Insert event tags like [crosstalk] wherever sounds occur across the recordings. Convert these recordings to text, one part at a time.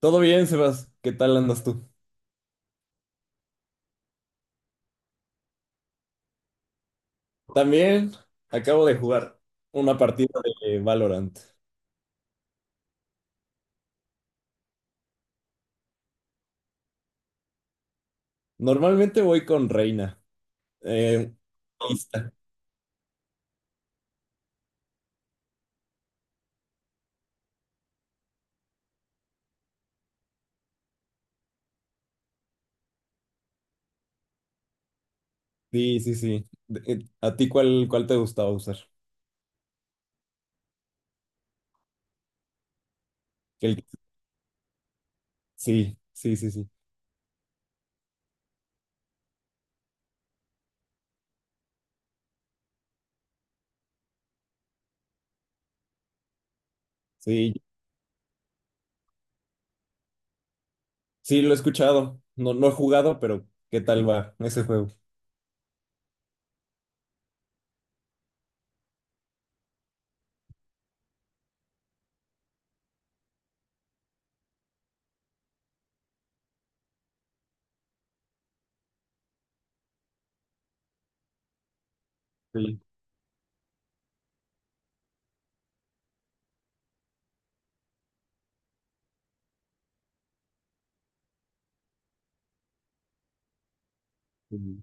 Todo bien, Sebas. ¿Qué tal andas tú? También acabo de jugar una partida de Valorant. Normalmente voy con Reina. eh, lista. Sí, sí, sí. ¿A ti cuál te gustaba usar? Que el- Sí, sí, sí, sí. Sí, sí, lo he escuchado. No, no he jugado, pero ¿qué tal va ese juego? Sí, sí.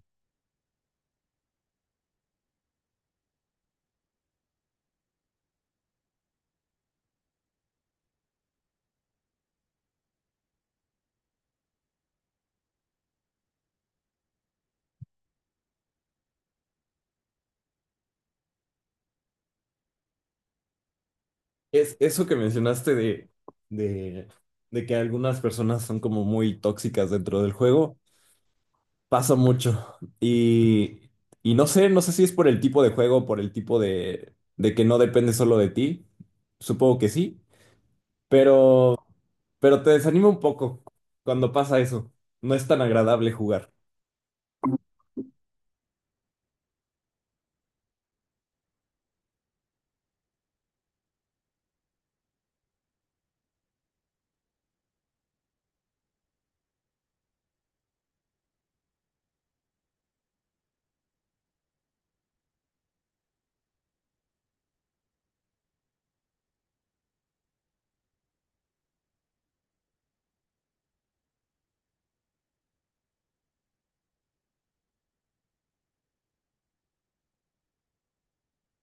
Es eso que mencionaste de, de que algunas personas son como muy tóxicas dentro del juego. Pasa mucho. Y no sé, no sé si es por el tipo de juego, por el tipo de que no depende solo de ti. Supongo que sí, pero, pero te desanima un poco cuando pasa eso. No es tan agradable jugar.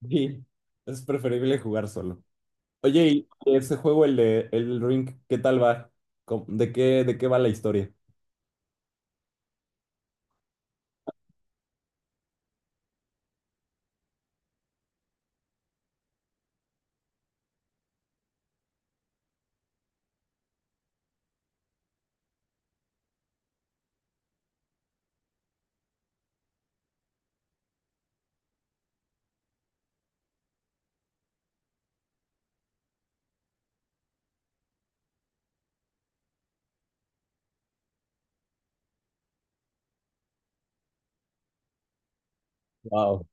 [laughs] Sí, es preferible jugar solo. Oye, y ese juego, el de el Ring, ¿qué tal va? De qué va la historia? Wow,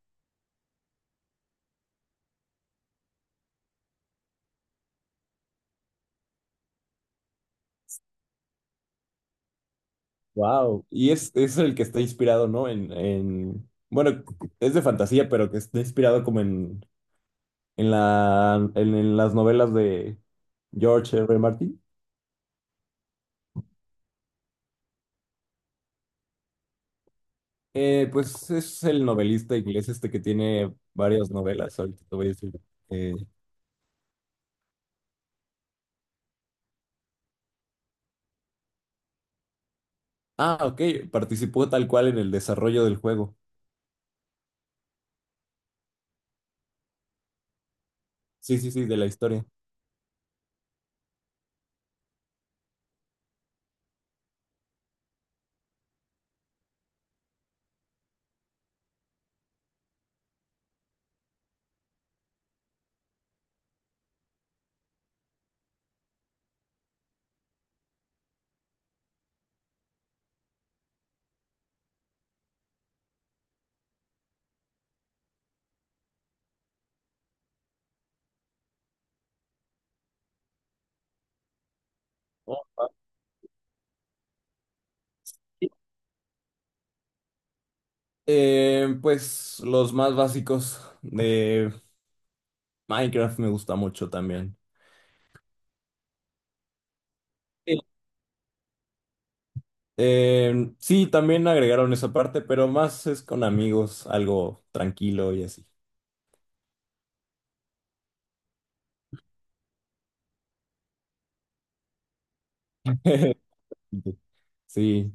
wow. Y es el que está inspirado, ¿no? En, bueno, es de fantasía, pero que está inspirado como en en las novelas de George R. R. Martin. Pues es el novelista inglés este que tiene varias novelas, ahorita te voy a decir. Eh, ah, ok, participó tal cual en el desarrollo del juego. Sí, sí, sí, de la historia. Ok. Pues los más básicos de Minecraft me gusta mucho también. Sí, eh, sí, también agregaron esa parte, pero más es con amigos, algo tranquilo y así. [laughs] Sí,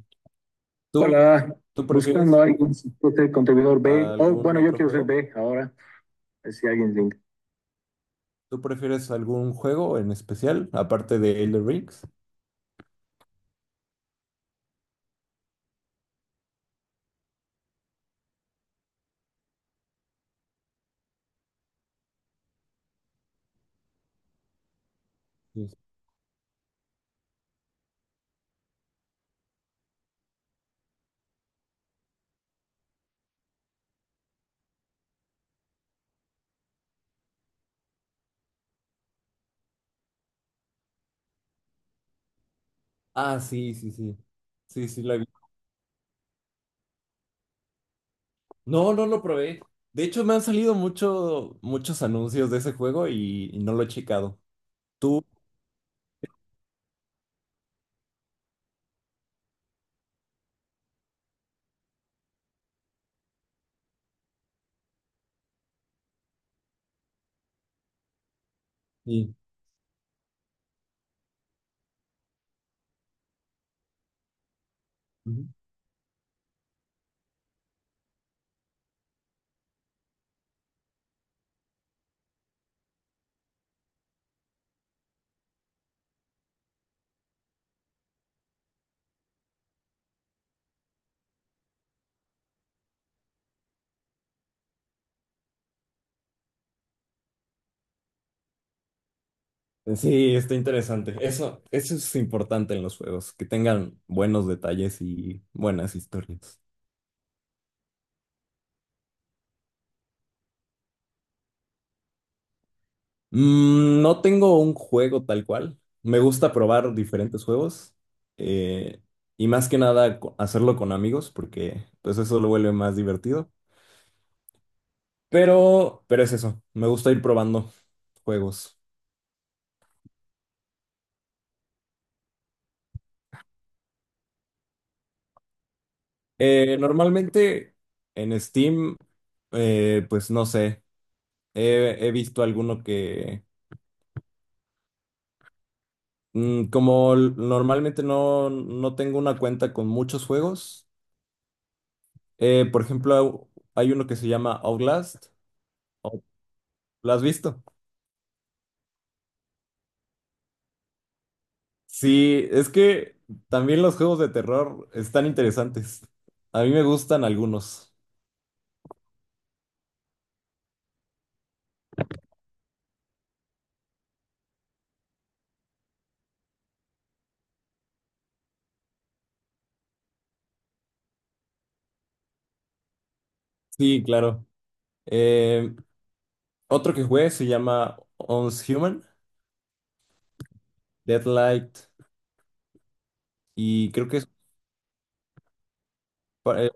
¿Tú, Ojalá, tú prefieres buscando a prefieres alguien que sea contribuidor B. Oh, algún bueno, yo otro quiero ser juego? B ahora. A ver si alguien link. ¿Tú prefieres algún juego en especial, aparte de Elder Rings? Sí. Ah, sí, sí, sí. Sí, sí, la vi. No, no lo probé. De hecho, me han salido mucho, muchos anuncios de ese juego y no lo he checado. Sí. Ujú. Sí, está interesante. Eso es importante en los juegos, que tengan buenos detalles y buenas historias. Mm, no tengo un juego tal cual. Me gusta probar diferentes juegos eh, y más que nada hacerlo con amigos porque pues eso lo vuelve más divertido. Pero es eso, me gusta ir probando juegos. Normalmente en Steam, pues no sé, he visto alguno que normalmente no, no tengo una cuenta con muchos juegos, por ejemplo, hay uno que se llama Outlast. ¿O- ¿Lo has visto? Sí, es que también los juegos de terror están interesantes. A mí me gustan algunos. Sí, claro. Eh, otro que jugué se llama Once Human, Deadlight, y creo que es pa- eh,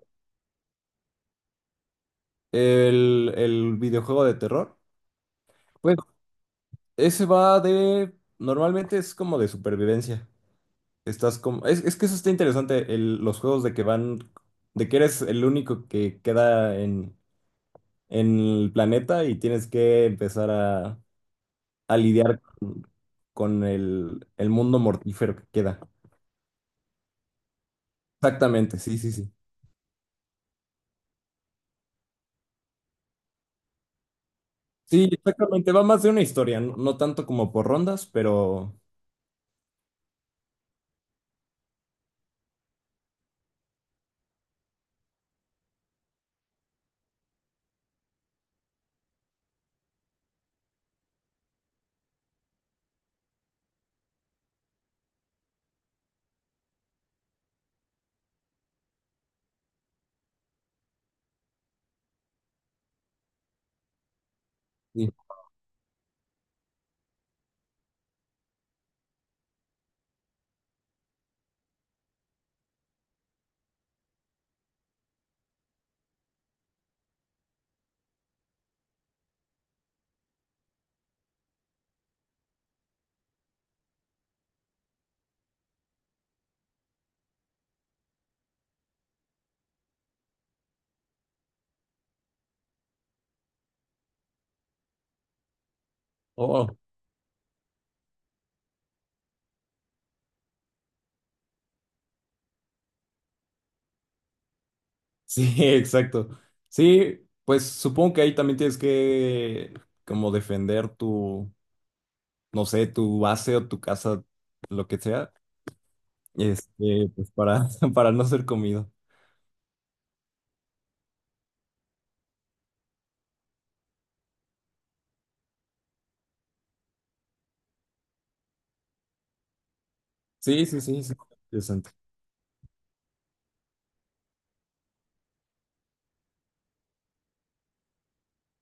el videojuego de terror. Pues ese va de... Normalmente es como de supervivencia. Estás como... es que eso está interesante, el- los juegos de que van... de que eres el único que queda en el planeta y tienes que empezar a lidiar con el mundo mortífero que queda. Exactamente, sí, sí, sí. Sí, exactamente, va más de una historia, no, no tanto como por rondas, pero sí. Oh, sí, [laughs] exacto. Sí, pues supongo que ahí también tienes que como defender tu, no sé, tu base o tu casa, lo que sea, este, pues para, [laughs] para no ser comido. Sí, sí, sí, sí. Interesante.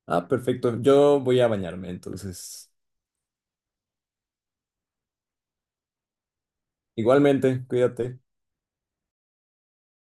Ah, perfecto. Yo voy a bañarme, entonces. Igualmente, cuídate.